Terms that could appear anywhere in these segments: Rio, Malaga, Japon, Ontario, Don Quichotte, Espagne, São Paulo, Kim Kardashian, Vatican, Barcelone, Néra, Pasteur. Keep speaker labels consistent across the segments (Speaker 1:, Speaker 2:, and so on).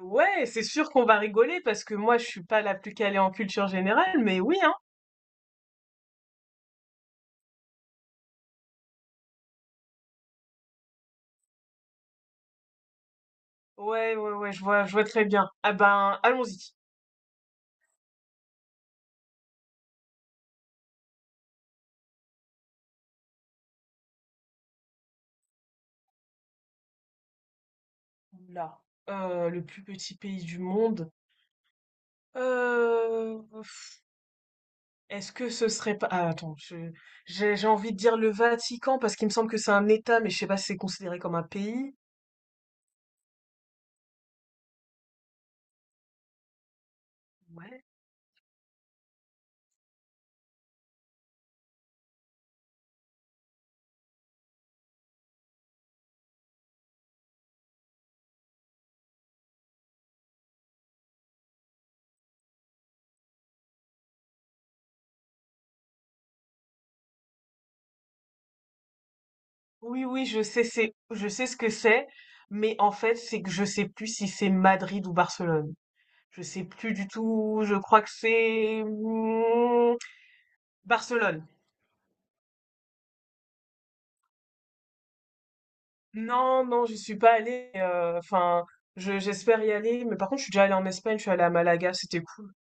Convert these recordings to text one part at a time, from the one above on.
Speaker 1: Ouais, c'est sûr qu'on va rigoler parce que moi, je suis pas la plus calée en culture générale, mais oui, hein. Ouais, ouais, ouais, je vois très bien. Ah ben, allons-y. Là, le plus petit pays du monde. Euh, pff, est-ce que ce serait pas... Ah, attends, j'ai envie de dire le Vatican parce qu'il me semble que c'est un État, mais je sais pas si c'est considéré comme un pays. Ouais. Oui, oui, je sais, c'est, je sais ce que c'est, mais en fait, c'est que je sais plus si c'est Madrid ou Barcelone. Je sais plus du tout, je crois que c'est Barcelone. Non, non, je suis pas allée. Enfin, j'espère y aller, mais par contre, je suis déjà allée en Espagne, je suis allée à Malaga, c'était cool.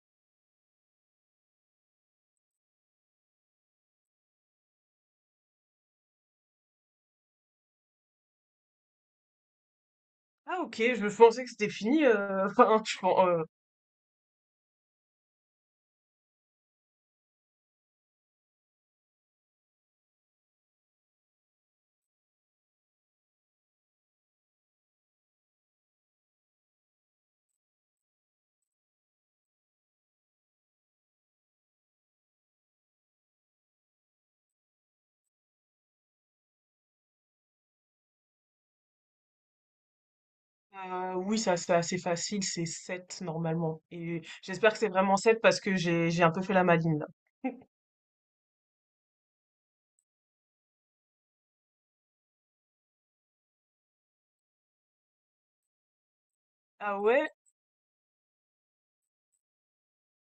Speaker 1: Ah ok, je pensais que c'était fini. Enfin, oui, ça c'est assez facile, c'est 7 normalement. Et j'espère que c'est vraiment 7 parce que j'ai un peu fait la maline là. Ah ouais?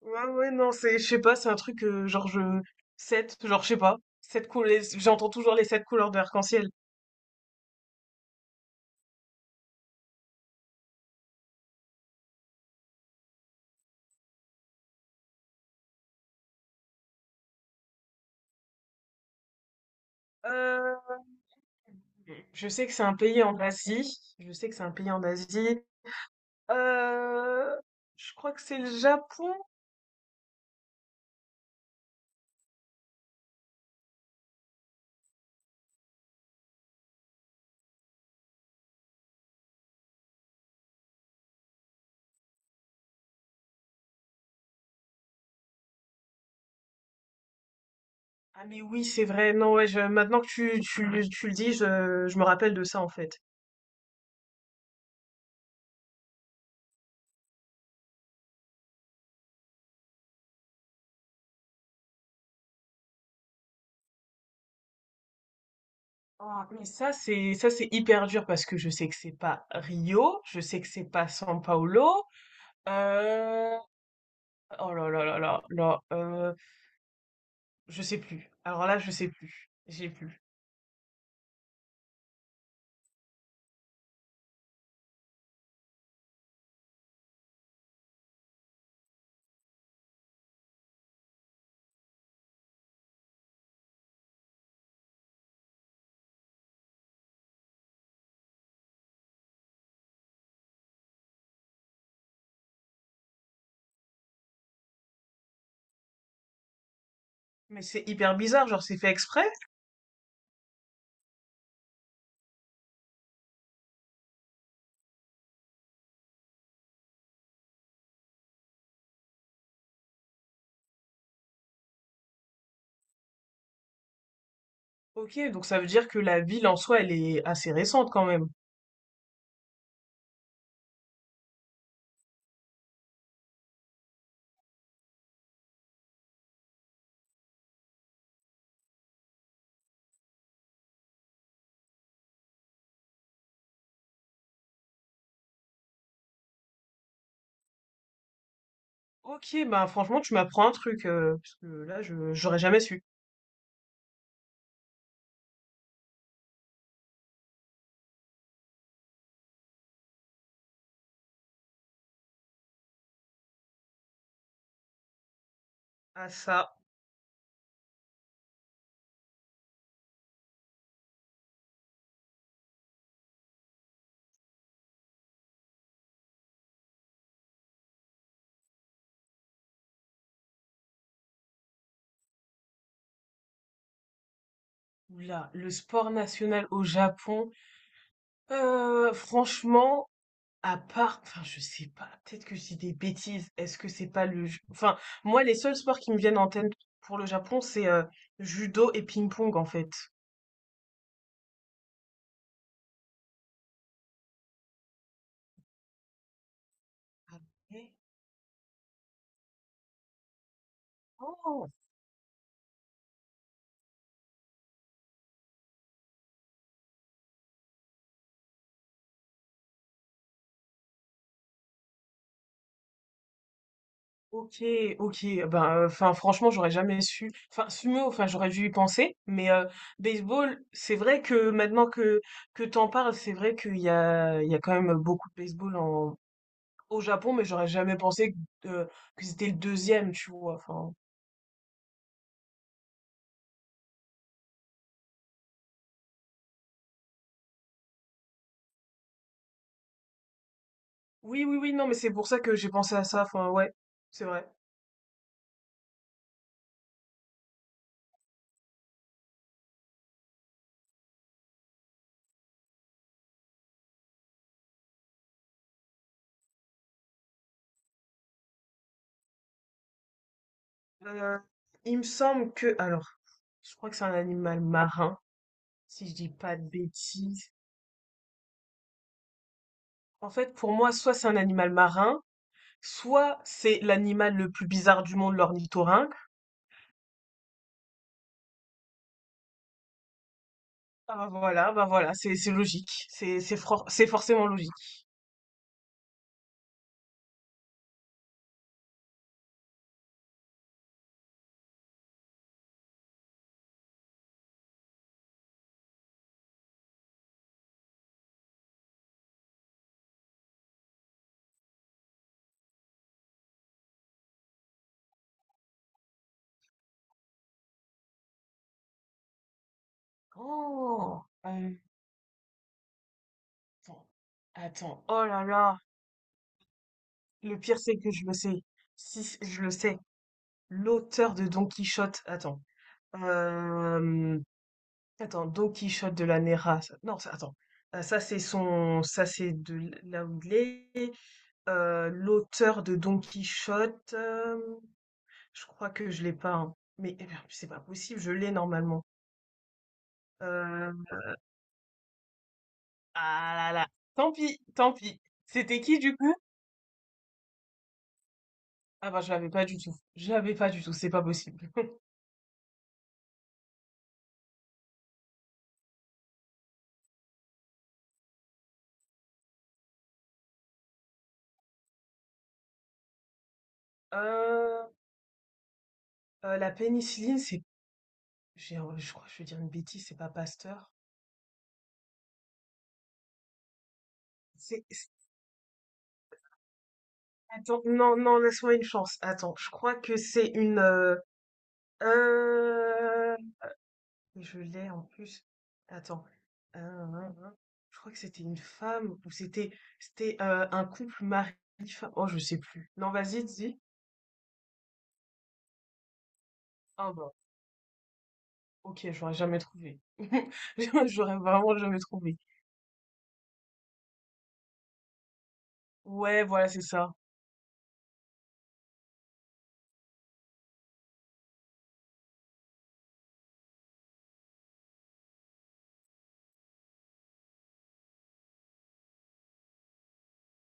Speaker 1: Ouais, ouais, non, c'est, je sais pas, c'est un truc, 7. Je sais pas, sept couleurs, j'entends toujours les sept couleurs de l'arc-en-ciel. Euh, Je sais que c'est un pays en Asie. Je sais que c'est un pays en Asie. Euh, je crois que c'est le Japon. Ah mais oui, c'est vrai. Non, ouais, maintenant que tu le dis, je me rappelle de ça en fait. Ah, mais ça c'est hyper dur parce que je sais que c'est pas Rio, je sais que c'est pas São Paulo. Euh... Oh là là là là là. Je sais plus. Alors là, je sais plus. J'ai plus. Mais c'est hyper bizarre, genre c'est fait exprès? Ok, donc ça veut dire que la ville en soi, elle est assez récente quand même. Ok, bah franchement, tu m'apprends un truc, parce que là, je j'aurais jamais su. Ah ça, là, le sport national au Japon. Franchement, à part, enfin je sais pas, peut-être que je dis des bêtises. Est-ce que c'est pas enfin moi, les seuls sports qui me viennent en tête pour le Japon, c'est judo et ping-pong en fait. Ah, mais- Oh. Ok, ok. Ben, enfin, franchement, j'aurais jamais su. Enfin, sumo, enfin, j'aurais dû y penser. Mais baseball, c'est vrai que maintenant que t'en parles, c'est vrai qu'il y a quand même beaucoup de baseball en au Japon, mais j'aurais jamais pensé que, euh, que c'était le deuxième, tu vois. Enfin, oui, oui, oui. Non, mais c'est pour ça que j'ai pensé à ça. Enfin, ouais, c'est vrai. Euh, il me semble que, alors, je crois que c'est un animal marin, si je dis pas de bêtises. En fait, pour moi, soit c'est un animal marin. Soit c'est l'animal le plus bizarre du monde, l'ornithorynque. Ah bah voilà, c'est logique, c'est forcément logique. Oh, euh, attends, attends, oh là là, le pire c'est que je le sais, si c- je le sais, l'auteur de Don Quichotte, attends, euh, attends, Don Quichotte de la Néra, non, attends, ça c'est là où il est, l'auteur de Don Quichotte. Je crois que je l'ai pas, hein. Mais eh ben, c'est pas possible, je l'ai normalement. Euh, Ah là là. Tant pis, tant pis. C'était qui du coup? Ah bah je l'avais pas du tout. Je l'avais pas du tout, c'est pas possible. Euh, la pénicilline, Je crois que je vais dire une bêtise, c'est pas Pasteur. C'est. c'est- Attends, non, non, laisse-moi une chance. Attends, je crois que c'est une. Euh, Et je l'ai en plus. Attends. Euh, je crois que c'était une femme ou c'était un couple mari-femme. Oh, je sais plus. Non, vas-y, dis. Ah bah, ok, j'aurais jamais trouvé. J'aurais vraiment jamais trouvé. Ouais, voilà, c'est ça.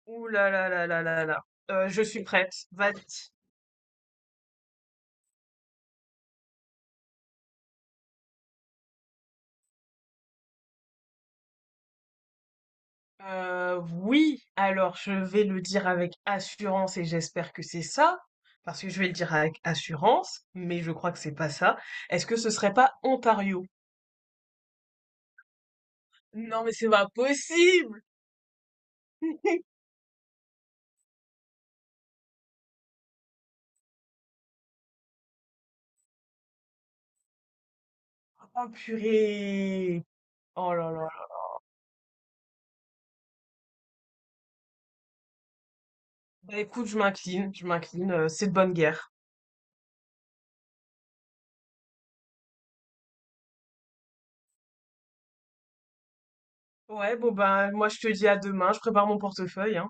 Speaker 1: Ouh là là là là là là. Je suis prête. Vas-y. Oui, alors je vais le dire avec assurance et j'espère que c'est ça, parce que je vais le dire avec assurance, mais je crois que c'est pas ça. Est-ce que ce serait pas Ontario? Non, mais c'est pas possible! Oh purée! Oh là là. Bah écoute, je m'incline, c'est de bonne guerre. Ouais, bon bah moi je te dis à demain, je prépare mon portefeuille, hein.